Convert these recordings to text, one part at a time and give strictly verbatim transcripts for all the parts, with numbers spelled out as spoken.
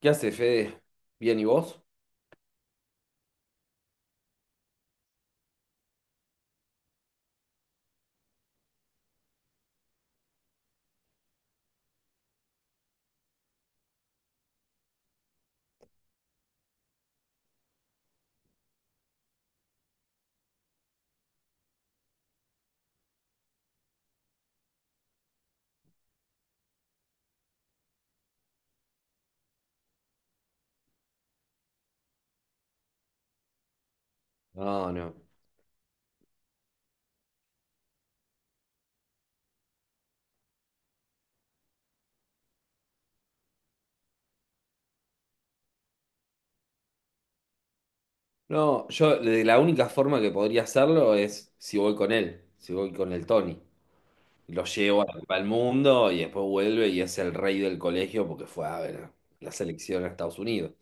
¿Qué hace, Fede? ¿Bien y vos? No, no. No, yo de la única forma que podría hacerlo es si voy con él, si voy con el Tony. Lo llevo al la Mundo y después vuelve y es el rey del colegio porque fue a ver la selección a Estados Unidos.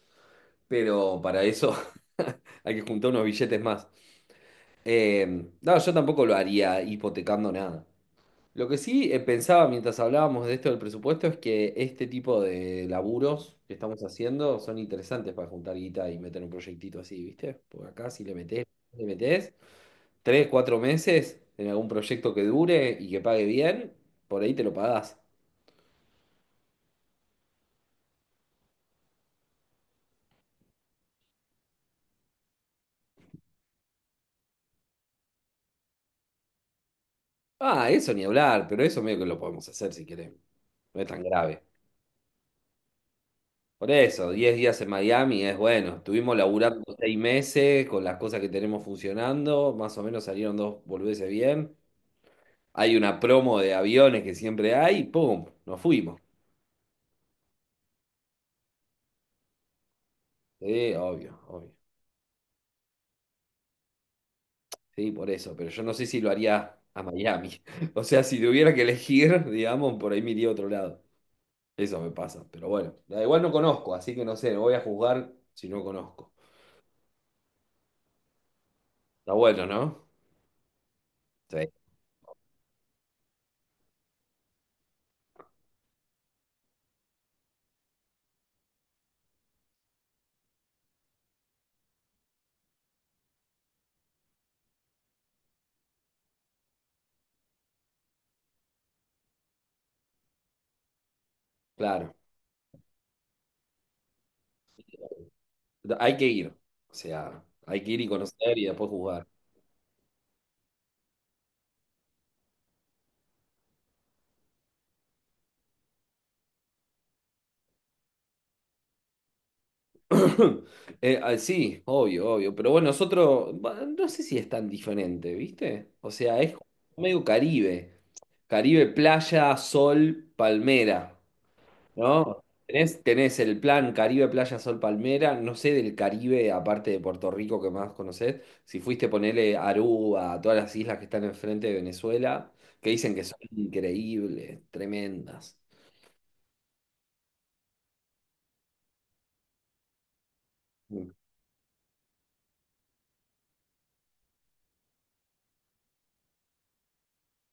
Pero para eso hay que juntar unos billetes más. Eh, no, yo tampoco lo haría hipotecando nada. Lo que sí eh, pensaba mientras hablábamos de esto del presupuesto es que este tipo de laburos que estamos haciendo son interesantes para juntar guita y meter un proyectito así, ¿viste? Porque acá si le metés, le metés tres, cuatro meses en algún proyecto que dure y que pague bien, por ahí te lo pagás. Ah, eso ni hablar, pero eso medio que lo podemos hacer si queremos. No es tan grave. Por eso, diez días en Miami es bueno. Estuvimos laburando seis meses con las cosas que tenemos funcionando. Más o menos salieron dos boludeces bien. Hay una promo de aviones que siempre hay, ¡pum! Nos fuimos. Sí, obvio, obvio. Sí, por eso, pero yo no sé si lo haría a Miami. O sea, si tuviera que elegir, digamos, por ahí me iría a otro lado. Eso me pasa, pero bueno. Da igual no conozco, así que no sé, no voy a juzgar si no conozco. Está bueno, ¿no? Sí, claro. Hay que ir. O sea, hay que ir y conocer y después juzgar. Eh, ah, sí, obvio, obvio. Pero bueno, es otro. va, No sé si es tan diferente, ¿viste? O sea, es medio Caribe. Caribe, playa, sol, palmera, ¿no? Tenés, tenés el plan Caribe, playa, sol, palmera. No sé del Caribe, aparte de Puerto Rico, que más conocés. Si fuiste, a ponerle Aruba, a todas las islas que están enfrente de Venezuela, que dicen que son increíbles, tremendas. Mm,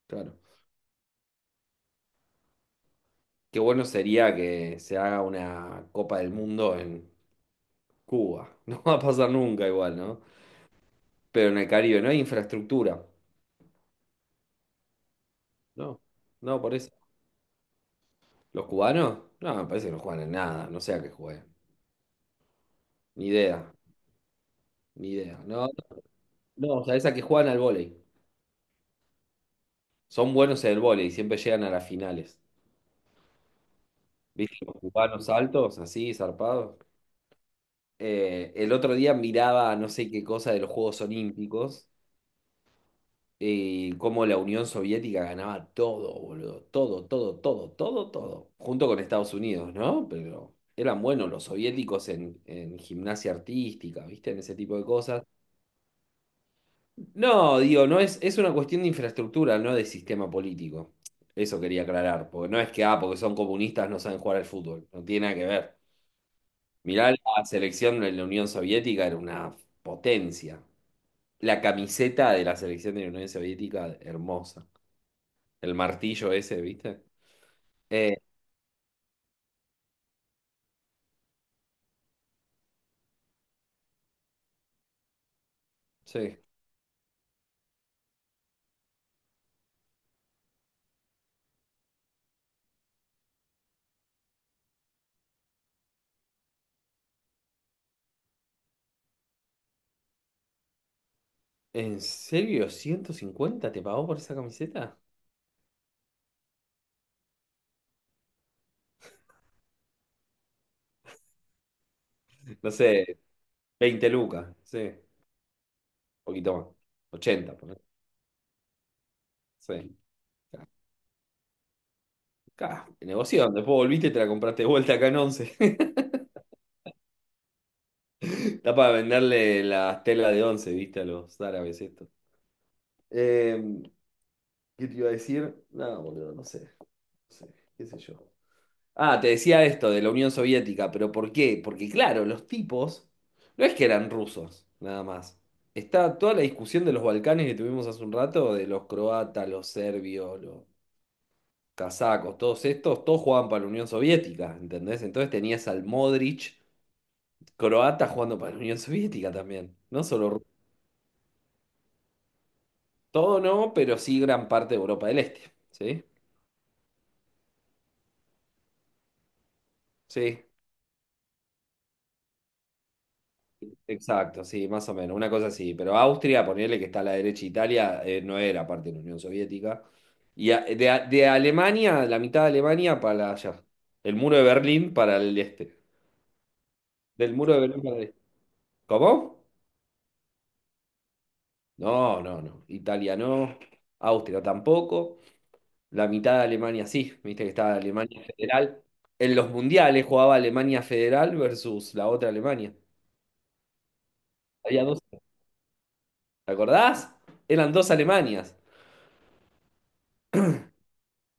claro. Qué bueno sería que se haga una Copa del Mundo en. Cuba. No va a pasar nunca igual, ¿no? Pero en el Caribe no hay infraestructura. No, no, por eso. ¿Los cubanos? No, me parece que no juegan en nada. No sé a qué juegan. Ni idea, ni idea. No, no, o sea, esa que juegan al vóley. Son buenos en el vóley, siempre llegan a las finales. ¿Viste? Los cubanos altos, así, zarpados. Eh, el otro día miraba no sé qué cosa de los Juegos Olímpicos y cómo la Unión Soviética ganaba todo, boludo. Todo, todo, todo, todo, todo. Junto con Estados Unidos, ¿no? Pero eran buenos los soviéticos en, en gimnasia artística, ¿viste? En ese tipo de cosas. No, digo, no es, es una cuestión de infraestructura, no de sistema político. Eso quería aclarar, porque no es que, ah, porque son comunistas no saben jugar al fútbol. No tiene nada que ver. Mirá, la selección de la Unión Soviética era una potencia. La camiseta de la selección de la Unión Soviética, hermosa. El martillo ese, ¿viste? Eh, sí. ¿En serio? ¿Ciento cincuenta te pagó por esa camiseta? No sé, veinte lucas, sí. Un poquito más. Ochenta por ahí. Sí. Acá, negoción. Después volviste y te la compraste de vuelta acá en once. Está para venderle las telas de once, ¿viste? A los árabes esto. Eh, ¿qué te iba a decir? No, boludo, no sé. No sé, qué sé yo. Ah, te decía esto de la Unión Soviética, pero ¿por qué? Porque claro, los tipos no es que eran rusos, nada más. Está toda la discusión de los Balcanes que tuvimos hace un rato, de los croatas, los serbios, los casacos, todos estos, todos jugaban para la Unión Soviética, ¿entendés? Entonces tenías al Modric croata jugando para la Unión Soviética también. No solo ru- todo no, pero sí gran parte de Europa del Este, ¿sí? Sí. Exacto, sí, más o menos, una cosa así. Pero Austria, ponerle que está a la derecha, Italia eh, no era parte de la Unión Soviética. Y a- de, a- de Alemania, la mitad de Alemania para allá. El muro de Berlín para el este. Del muro de Berlín para el este. ¿Cómo? No, no, no. Italia no. Austria tampoco. La mitad de Alemania sí. Viste que estaba Alemania Federal. En los mundiales jugaba Alemania Federal versus la otra Alemania. Había dos. ¿Te acordás? Eran dos Alemanias.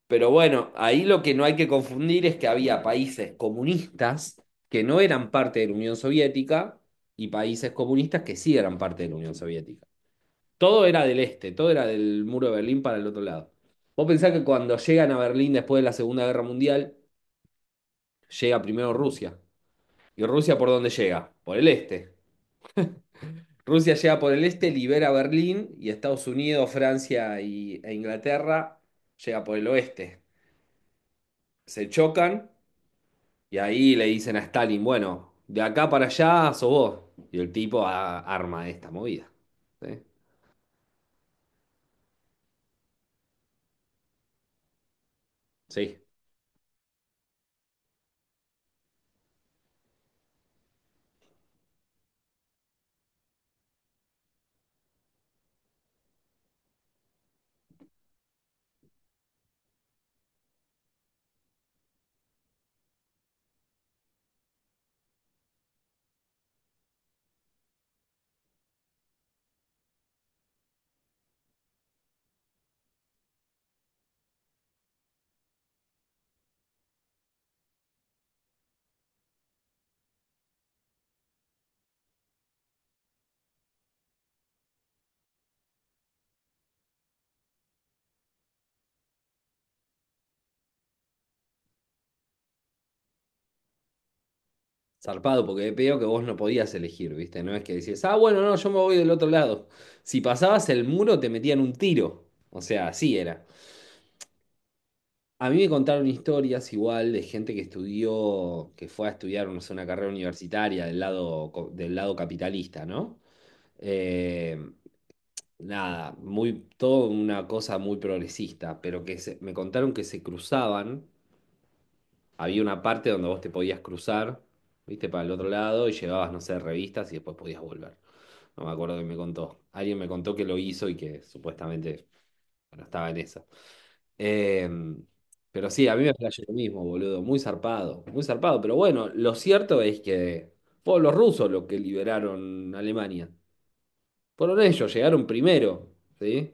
Pero bueno, ahí lo que no hay que confundir es que había países comunistas que no eran parte de la Unión Soviética y países comunistas que sí eran parte de la Unión Soviética. Todo era del este, todo era del muro de Berlín para el otro lado. Vos pensás que cuando llegan a Berlín después de la Segunda Guerra Mundial, llega primero Rusia. ¿Y Rusia por dónde llega? Por el este. Rusia llega por el este, libera Berlín y Estados Unidos, Francia y, e Inglaterra llega por el oeste. Se chocan. Y ahí le dicen a Stalin, bueno, de acá para allá sos vos. Y el tipo a- arma esta movida. ¿Sí? Sí, zarpado, porque veo que vos no podías elegir, ¿viste? No es que decías, ah, bueno, no, yo me voy del otro lado. Si pasabas el muro te metían un tiro. O sea, así era. A mí me contaron historias igual de gente que estudió, que fue a estudiar, no sé, una carrera universitaria del lado, co- del lado capitalista, ¿no? Eh, nada, muy, todo una cosa muy progresista, pero que se- me contaron que se cruzaban, había una parte donde vos te podías cruzar, viste, para el otro lado y llevabas, no sé, revistas y después podías volver. No me acuerdo que me contó. Alguien me contó que lo hizo y que supuestamente, bueno, estaba en esa. Eh, pero sí, a mí me flasheó lo mismo, boludo, muy zarpado, muy zarpado, pero bueno, lo cierto es que fueron los rusos los que liberaron Alemania. Fueron ellos, llegaron primero, ¿sí?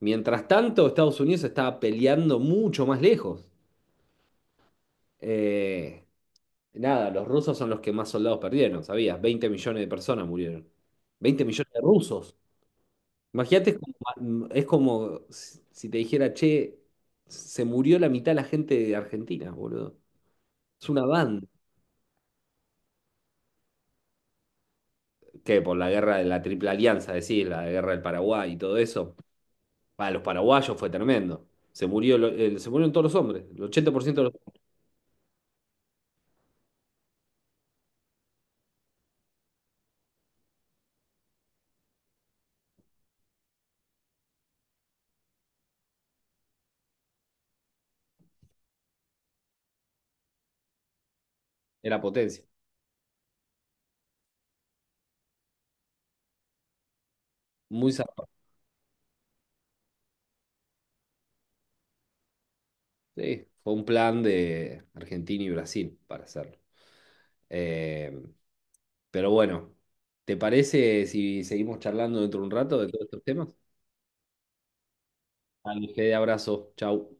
Mientras tanto, Estados Unidos estaba peleando mucho más lejos. Eh, nada, los rusos son los que más soldados perdieron, ¿sabías? Veinte millones de personas murieron. Veinte millones de rusos. Imagínate, es como, es como si si te dijera, che, se murió la mitad de la gente de Argentina, boludo. Es una banda. Que por la guerra de la Triple Alianza, decís, la guerra del Paraguay y todo eso. Para los paraguayos fue tremendo. Se murió, lo- eh, se murieron todos los hombres. El ochenta por ciento de los- era potencia. Muy sa- Sí, fue un plan de Argentina y Brasil para hacerlo. Eh, pero bueno, ¿te parece si seguimos charlando dentro de un rato de todos estos temas? Dale, de abrazo. Chau.